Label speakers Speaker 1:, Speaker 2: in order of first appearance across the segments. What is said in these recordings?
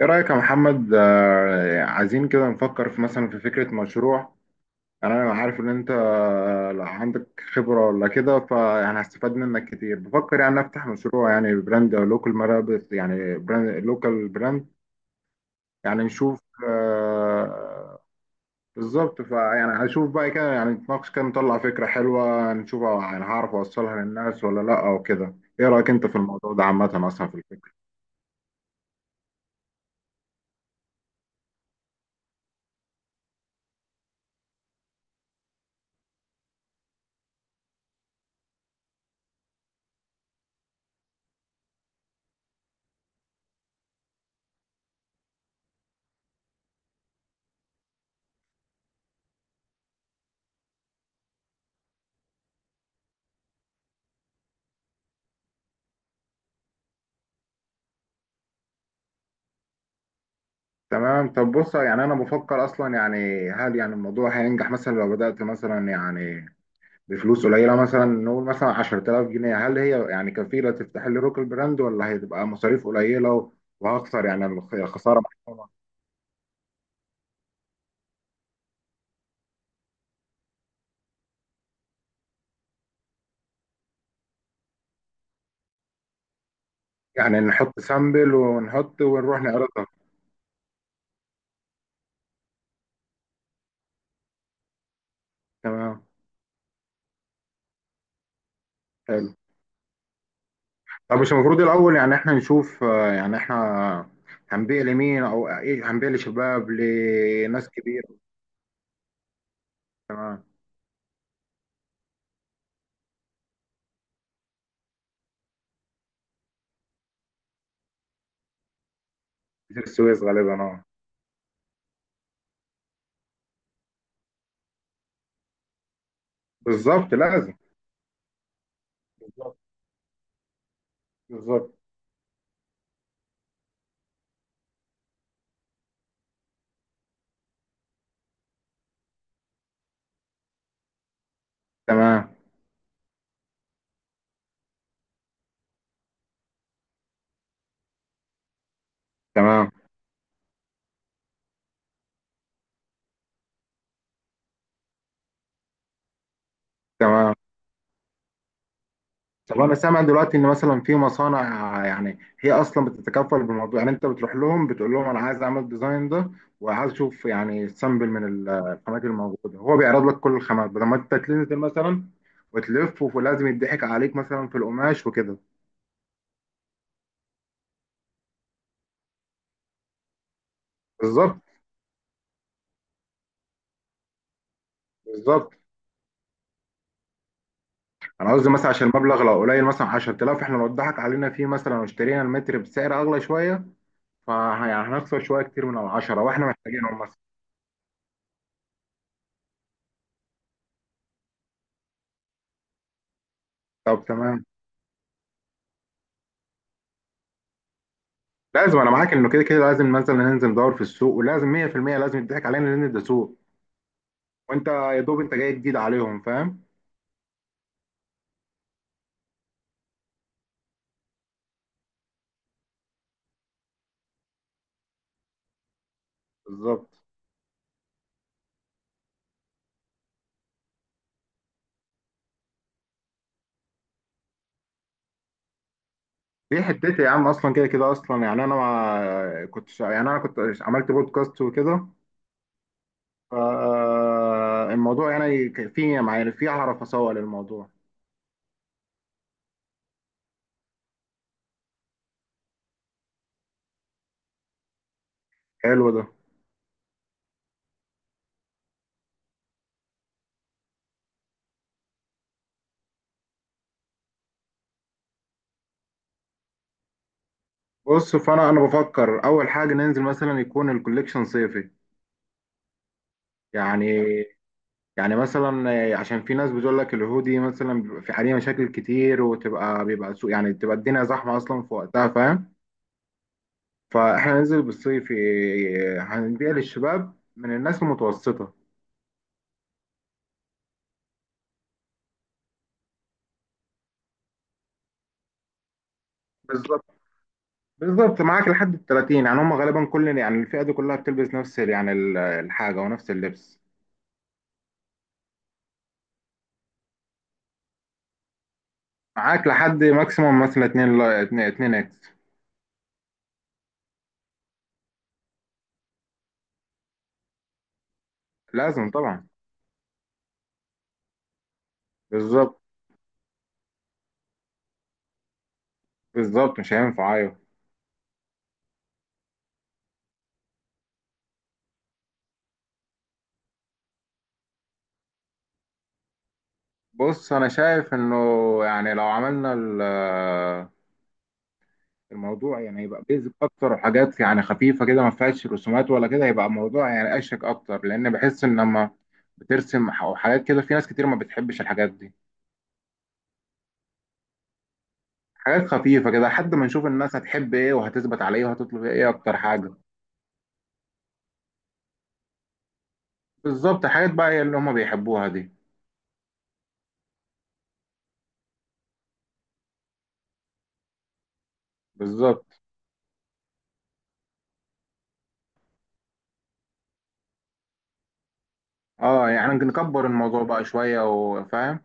Speaker 1: ايه رأيك يا محمد، عايزين كده نفكر في مثلا في فكرة مشروع. انا عارف ان انت لا عندك خبرة ولا كده، فيعني هستفاد منك كتير. بفكر يعني افتح مشروع، يعني براند او لوكال ملابس، يعني براند لوكال براند. يعني نشوف. آه، بالظبط، فيعني هشوف بقى كده، يعني نتناقش كده نطلع فكرة حلوة، نشوف يعني هعرف اوصلها للناس ولا لا او كده. ايه رأيك انت في الموضوع ده عامة اصلا في الفكرة؟ تمام طب بص، يعني انا بفكر اصلا، يعني هل يعني الموضوع هينجح مثلا لو بدأت مثلا يعني بفلوس قليله، مثلا نقول مثلا 10000 جنيه، هل هي يعني كفيله تفتح لي روك البراند ولا هتبقى مصاريف قليله وهخسر، يعني الخساره محترمه. يعني نحط سامبل ونحط ونروح نعرضها. تمام حلو. طب مش المفروض الاول يعني احنا نشوف يعني احنا هنبيع لمين او ايه، هنبيع لشباب لناس كبيره. تمام، جسر السويس غالبا اه. بالظبط لازم. بالظبط. تمام. تمام. تمام. طب انا سامع دلوقتي ان مثلا في مصانع يعني هي اصلا بتتكفل بالموضوع، يعني انت بتروح لهم بتقول لهم انا عايز اعمل ديزاين ده، وعايز اشوف يعني سامبل من الخامات الموجوده. هو بيعرض لك كل الخامات بدل ما انت تنزل مثلا وتلف ولازم يضحك عليك مثلا في القماش وكده. بالظبط. بالظبط. انا قصدي مثلا عشان المبلغ لو قليل مثلا 10000، احنا لو اتضحك علينا فيه مثلا واشترينا المتر بسعر اغلى شويه، فهنخسر شويه كتير من ال 10 واحنا محتاجينهم مثلا. طب تمام. لازم، انا معاك انه كده كده لازم مثلا ننزل ندور في السوق، ولازم 100% لازم يضحك علينا لان ده سوق. وانت يا دوب انت جاي جديد عليهم، فاهم؟ بالظبط. دي حتتي يا عم، اصلا كده كده اصلا، يعني انا ما كنت، يعني انا كنت عملت بودكاست وكده، فالموضوع يعني كان فيه معايا، فيه اعرف اسوق للموضوع. حلو ده. بص، فانا بفكر اول حاجه ننزل مثلا يكون الكوليكشن صيفي. يعني، يعني مثلا عشان في ناس بتقول لك الهودي مثلا بيبقى في عليه مشاكل كتير، وتبقى بيبقى سوق، يعني تبقى الدنيا زحمه اصلا في وقتها، فاهم؟ فاحنا ننزل بالصيف، هنبيع للشباب من الناس المتوسطه. بالظبط. بالظبط معاك لحد ال 30، يعني هم غالبا كل، يعني الفئه دي كلها بتلبس نفس يعني الحاجه ونفس اللبس. معاك لحد ماكسيموم مثلا 2 2 اكس. لازم طبعا. بالظبط. بالظبط مش هينفع، ايوه. بص انا شايف انه يعني لو عملنا الموضوع، يعني يبقى بيزك اكتر وحاجات يعني خفيفه كده ما فيهاش رسومات ولا كده، يبقى الموضوع يعني اشيك اكتر، لان بحس ان لما بترسم حاجات كده في ناس كتير ما بتحبش الحاجات دي. حاجات خفيفه كده لحد ما نشوف الناس هتحب ايه وهتثبت على ايه وهتطلب ايه اكتر حاجه. بالظبط، حاجات بقى هي اللي هم بيحبوها دي. بالظبط. اه يعني نكبر الموضوع بقى شويه وفاهم.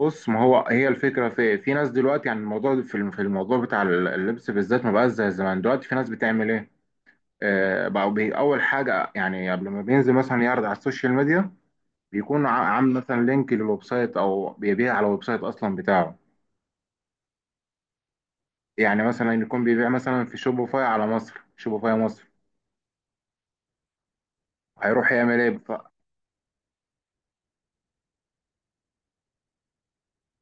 Speaker 1: بص، ما هو هي الفكره في إيه؟ في ناس دلوقتي يعني الموضوع في في الموضوع بتاع اللبس بالذات ما بقاش زي زمان. دلوقتي في ناس بتعمل ايه، بقوا اول حاجه يعني قبل ما بينزل مثلا يعرض على السوشيال ميديا، بيكون عامل مثلا لينك للويب سايت او بيبيع على الويب سايت اصلا بتاعه. يعني مثلا يكون بيبيع مثلا في شوبيفاي، على مصر شوبيفاي مصر. هيروح يعمل ايه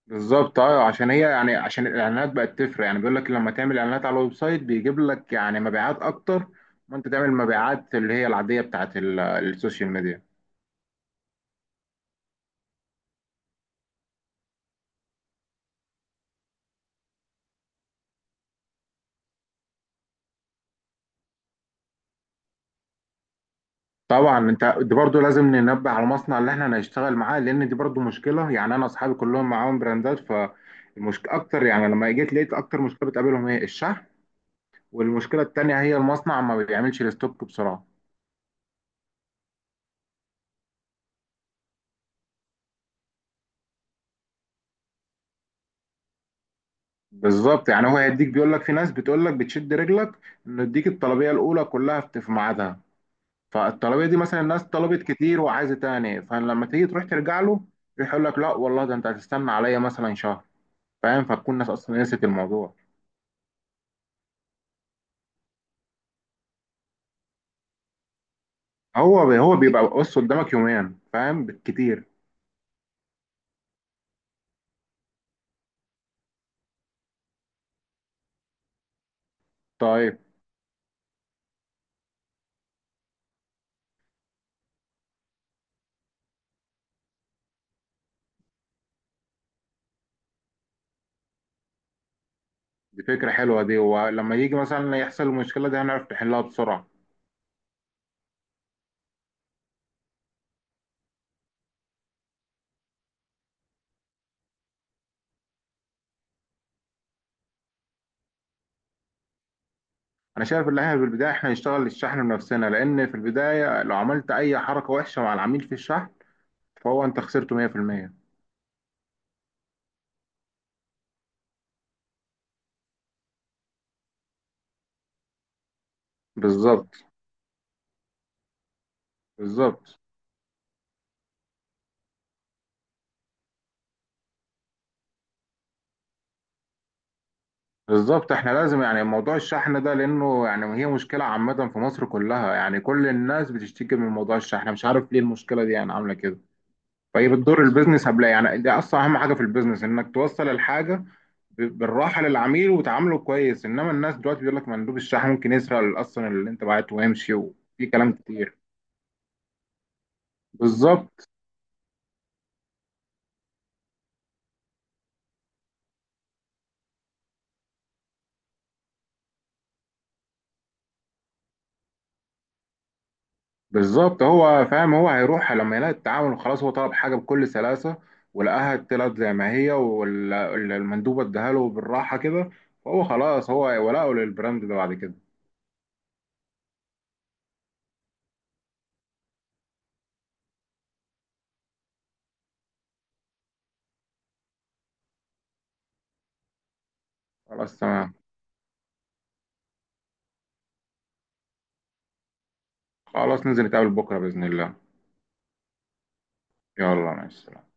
Speaker 1: بالظبط اه، عشان هي يعني عشان الاعلانات بقت تفرق، يعني بيقول لك لما تعمل اعلانات على الويب سايت بيجيب لك يعني مبيعات اكتر ما انت تعمل مبيعات اللي هي العاديه بتاعت السوشيال ميديا. طبعا انت دي برضو لازم ننبه على المصنع اللي احنا هنشتغل معاه، لان دي برضو مشكله. يعني انا اصحابي كلهم معاهم براندات، فالمشكله اكتر، يعني لما جيت لقيت اكتر مشكله بتقابلهم هي الشحن. والمشكله التانيه هي المصنع ما بيعملش الستوك بسرعه. بالظبط، يعني هو هيديك، بيقول لك في ناس بتقول لك بتشد رجلك انه يديك الطلبيه الاولى كلها في ميعادها. فالطلبيه دي مثلا الناس طلبت كتير وعايزه تاني، فلما تيجي تروح ترجع له يروح يقول لك لا والله ده انت هتستنى عليا مثلا شهر، فاهم؟ فتكون الناس اصلا نسيت الموضوع. هو بيبقى بص قدامك يومين فاهم، بالكتير. طيب. دي فكرة حلوة دي، ولما يجي مثلا يحصل المشكلة دي هنعرف نحلها بسرعة. أنا شايف إن إحنا في البداية إحنا نشتغل الشحن بنفسنا، لأن في البداية لو عملت أي حركة وحشة مع العميل في الشحن فهو أنت خسرته 100%. بالظبط. بالظبط. بالظبط إحنا لازم يعني موضوع الشحن ده، لأنه يعني هي مشكلة عامة في مصر كلها، يعني كل الناس بتشتكي من موضوع الشحن. مش عارف ليه المشكلة دي يعني عاملة كده. فهي بتضر البيزنس قبلها، يعني ده اصلا اهم حاجه في البيزنس انك توصل الحاجه بالراحه للعميل وتعامله كويس، انما الناس دلوقتي بيقول لك مندوب الشحن ممكن يسرق اصلا اللي انت بعته ويمشي، وفي كلام كتير. بالظبط. بالظبط هو فاهم. هو هيروح لما يلاقي التعامل خلاص، هو طلب حاجه بكل سلاسه ولقاها طلعت زي ما هي والمندوبه اداها له بالراحه كده، فهو خلاص هو ولاءه للبراند ده بعد كده. خلاص تمام. خلاص ننزل نتقابل بكره باذن الله. يلا مع السلامه.